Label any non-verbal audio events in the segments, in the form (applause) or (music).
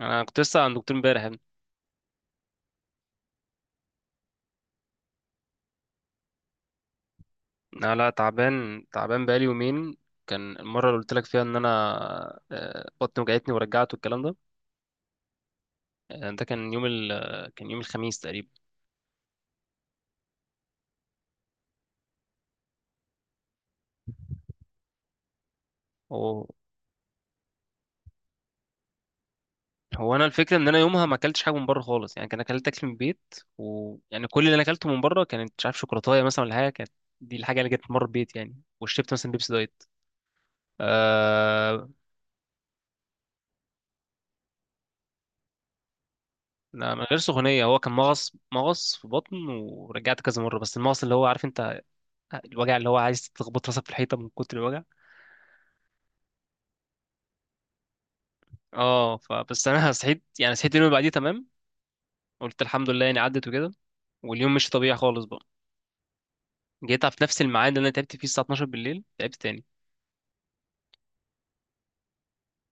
انا كنت لسه عند دكتور امبارح يا ابني. انا لا تعبان تعبان بقالي يومين. كان المره اللي قلت لك فيها ان انا بطني وجعتني ورجعت والكلام ده. كان يوم الخميس تقريبا. هو هو انا الفكره ان انا يومها ما اكلتش حاجه من بره خالص يعني كان اكلت اكل من البيت، ويعني كل اللي انا اكلته من بره كانت مش عارف شوكولاته مثلا ولا حاجه، كانت دي الحاجه اللي جت من بره البيت يعني. وشربت مثلا بيبسي دايت. آه... لا، من غير سخونيه، هو كان مغص مغص في بطن ورجعت كذا مره، بس المغص اللي هو عارف انت الوجع اللي هو عايز تخبط راسك في الحيطه من كتر الوجع. اه، فبس انا صحيت يعني صحيت اليوم اللي بعديه تمام. قلت الحمد لله يعني عدت وكده. واليوم مش طبيعي خالص بقى. جيت في نفس الميعاد اللي انا تعبت فيه الساعه 12 بالليل، تعبت تاني.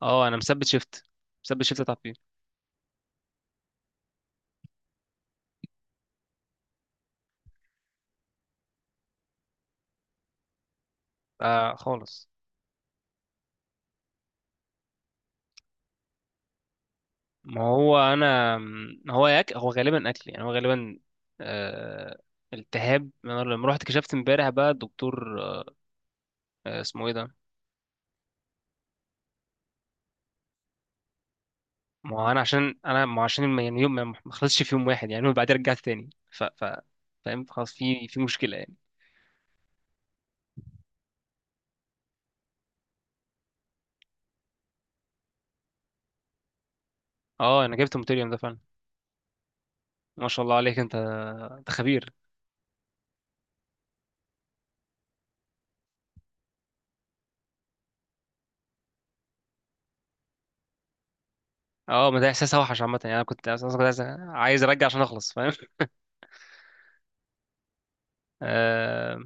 اه، انا مثبت شيفت، مثبت شيفت اتعب فيه. آه خالص. ما هو انا، ما هو ياك هو غالبا اكل يعني هو غالبا آه... التهاب. انا لما رحت كشفت امبارح بقى الدكتور، آه، اسمه ايه ده. ما هو انا عشان انا ما هو عشان يعني يوم ما خلصش في يوم واحد يعني، وبعدين رجعت تاني ف فاهم خلاص في مشكله يعني. اه، انا جبت الماتيريال ده فعلا. ما شاء الله عليك انت، انت خبير. اه، ما ده احساس اوحش عامه يعني. انا كنت اصلا كنت عايز ارجع عشان اخلص فاهم. (laughs) آه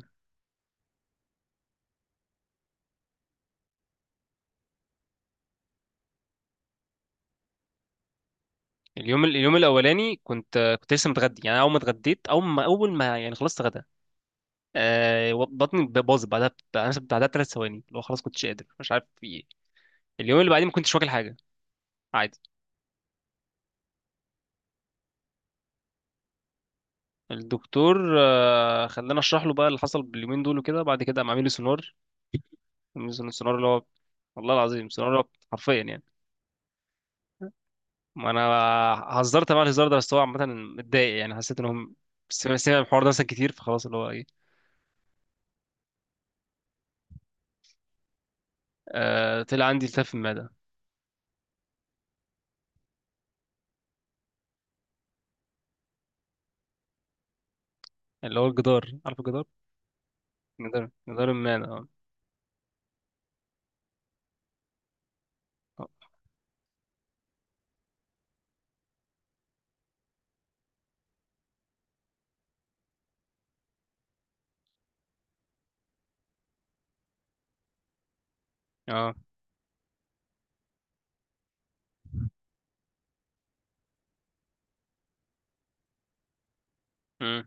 اليوم الاولاني كنت لسه متغدي يعني، اول ما اتغديت، اول ما اول ما يعني خلصت غدا. بطني باظت بعدها، ب3 ثواني اللي هو خلاص كنتش قادر مش عارف في ايه. اليوم اللي بعديه ما كنتش واكل حاجه. الدكتور، خلاني اشرح له بقى اللي حصل باليومين دول وكده، بعد كده قام عامل لي سونار. اللي هو والله العظيم سونار اللي هو حرفيا يعني. ما انا هزرت مع الهزار ده، بس هو عامه متضايق يعني حسيت انهم سمع الحوار ده مثلا كتير فخلاص اللي هو ايه. آه، طلع عندي التهاب في المعده اللي هو الجدار، عارف الجدار، جدار المعده. اه. اه. آه. مم.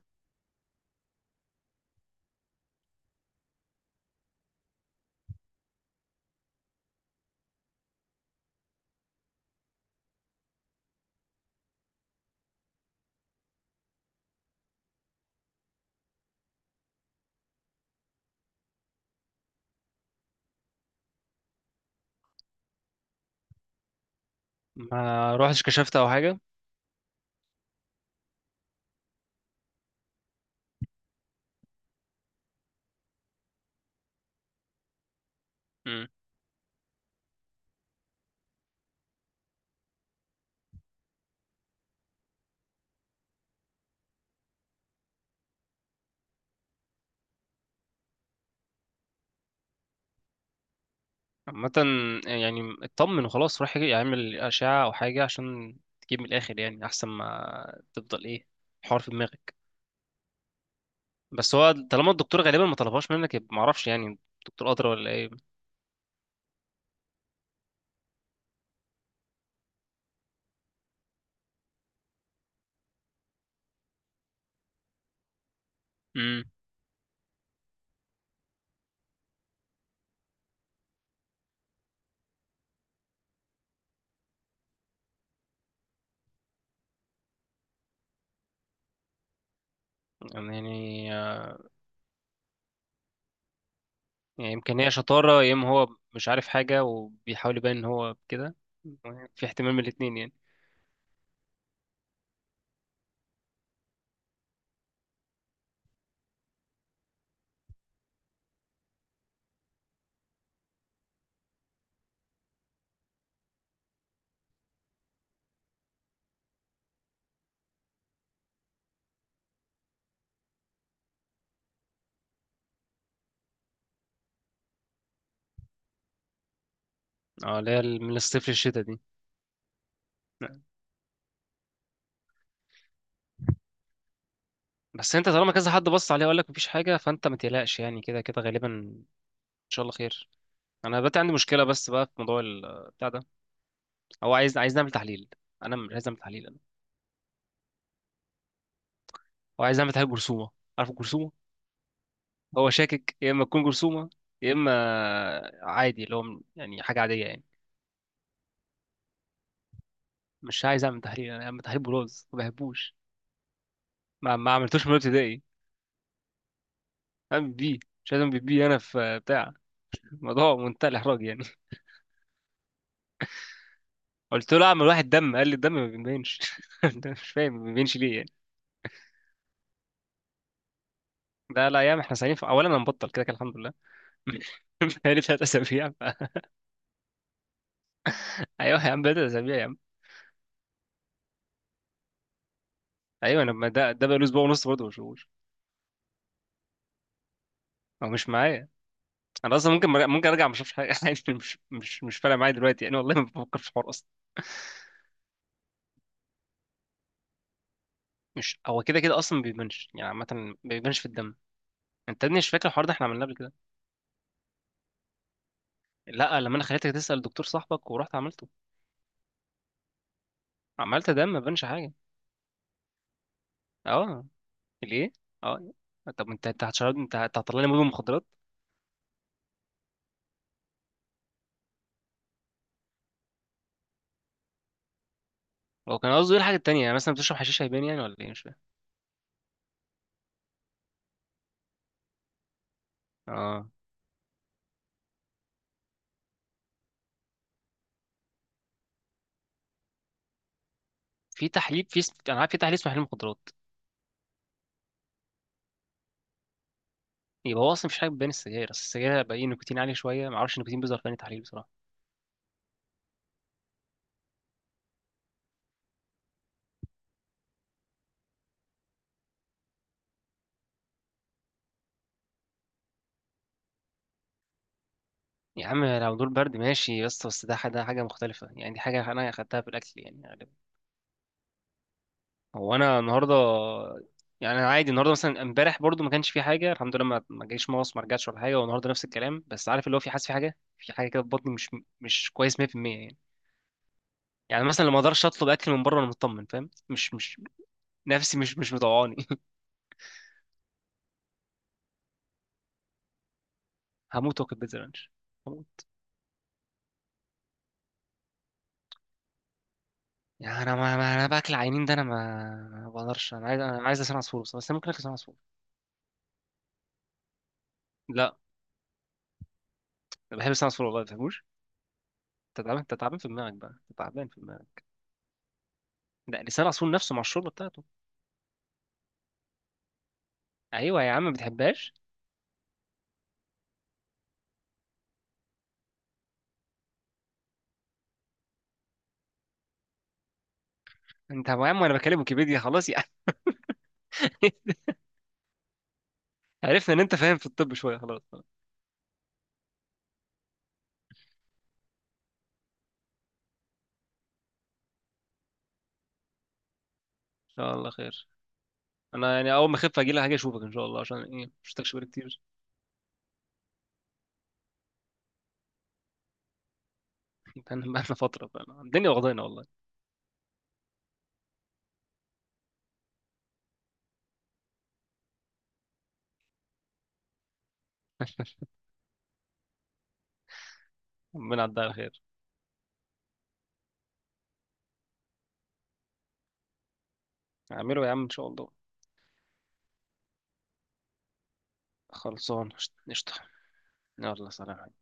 ما روحتش كشفت او حاجه. عامة يعني اطمن وخلاص روح يعمل أشعة أو حاجة عشان تجيب من الآخر يعني، أحسن ما تفضل إيه حوار في دماغك. بس هو طالما الدكتور غالبا ما طلبهاش منك يبقى معرفش يعني، الدكتور أدرى ولا إيه. امم يعني يعني يمكن هي شطارة يا إما هو مش عارف حاجة وبيحاول يبان إن هو كده، في احتمال من الاتنين يعني. اه، اللي هي من الصيف للشتا دي. بس انت طالما كذا حد بص عليه وقال لك مفيش حاجة فانت ما تقلقش يعني، كده كده غالبا ان شاء الله خير. انا دلوقتي عندي مشكله بس بقى في موضوع بتاع ده. هو عايز نعمل تحليل. انا مش عايز اعمل تحليل. انا هو عايز نعمل تحليل جرثومه، عارف الجرثومه. هو شاكك يا اما تكون جرثومه يا اما عادي اللي هو يعني حاجه عاديه يعني. مش عايز اعمل تحليل. انا اعمل تحليل بروز ما بحبوش. ما عملتوش من ابتدائي. اعمل بيه، مش عايز اعمل بيه. انا في بتاع، الموضوع منتهى الاحراج يعني. (laughs) قلت له اعمل واحد دم، قال لي الدم ما بيبينش. (laughs) ده مش فاهم ما بيبينش ليه يعني. ده لا يا عم، احنا سعيدين في... اولا انا مبطل كده كده الحمد لله. (laughs) بقالي 3 اسابيع. ايوه يا عم بدأ اسابيع يا عم. ايوه انا، ما ده بقاله اسبوع ونص برضه ما بشوفوش. هو مش معايا. انا اصلا ممكن مرجع، ممكن ارجع ما اشوفش حاجه. (laughs) عادي، مش فارقه معايا دلوقتي يعني، والله ما بفكر في الحوار اصلا. مش هو كده كده اصلا ما بيبانش يعني، عامه ما بيبانش في الدم. انت يا ابني مش فاكر الحوار ده احنا عملناه قبل كده. لا، لما انا خليتك تسأل دكتور صاحبك ورحت عملته. عملت دم ما بانش حاجه. اه. ليه. اه. طب انت، انت هتشرب، انت هتطلع لي مدمن مخدرات. هو كان قصده ايه الحاجه التانيه، يعني مثلا بتشرب حشيش هيبان يعني ولا ايه مش فاهم. اه، في تحليل، في اسم... انا عارف في تحليل اسمه تحليل مخدرات. يبقى هو اصلا مفيش حاجه بتبان السجاير، اصل السجاير بقى ايه، نيكوتين عالي شويه، ما اعرفش النيكوتين بيظهر في أنهي تحليل بصراحه. يا عم لو دول برد ماشي، بس ده حاجه، حاجه مختلفه يعني، دي حاجه انا اخدتها في الاكل يعني غالبا. هو انا النهارده، يعني انا عادي النهارده مثلا. امبارح برضو ما كانش في حاجه الحمد لله، ما جاليش مغص ما رجعتش ولا حاجه، والنهارده نفس الكلام، بس عارف اللي هو في حاسس في حاجه، كده في بطني، مش كويس 100%. يعني يعني مثلا لو ما اقدرش اطلب اكل من بره وانا مطمن فاهم، مش نفسي، مش مطوعاني. (laughs) هموت واكل بيتزا رانش. يعني انا، انا باكل عينين ده، انا ما بقدرش. انا عايز، لسان عصفور، بس انا ممكن اكل لسان عصفور. لا انا بحب لسان عصفور والله ما بتفهموش. انت تعبان، انت تعبان في دماغك بقى، انت تعبان في دماغك. ده لسان عصفور نفسه مع الشوربه بتاعته. ايوه يا عم ما بتحبهاش. انت يا عم وانا بكلم ويكيبيديا خلاص يعني. (laughs) عرفنا ان انت فاهم في الطب شويه خلاص خلاص. ان شاء الله خير. انا يعني اول ما اخف اجي لك، هاجي اشوفك ان شاء الله، عشان ايه مش شفتكش بقالي كتير. (laughs) بقالنا فتره فعلا، الدنيا واخدانا والله. (laughs) ربنا يعديها على خير. اعمله يا عم ان شاء الله. خلصان. قشطه. يلا سلام.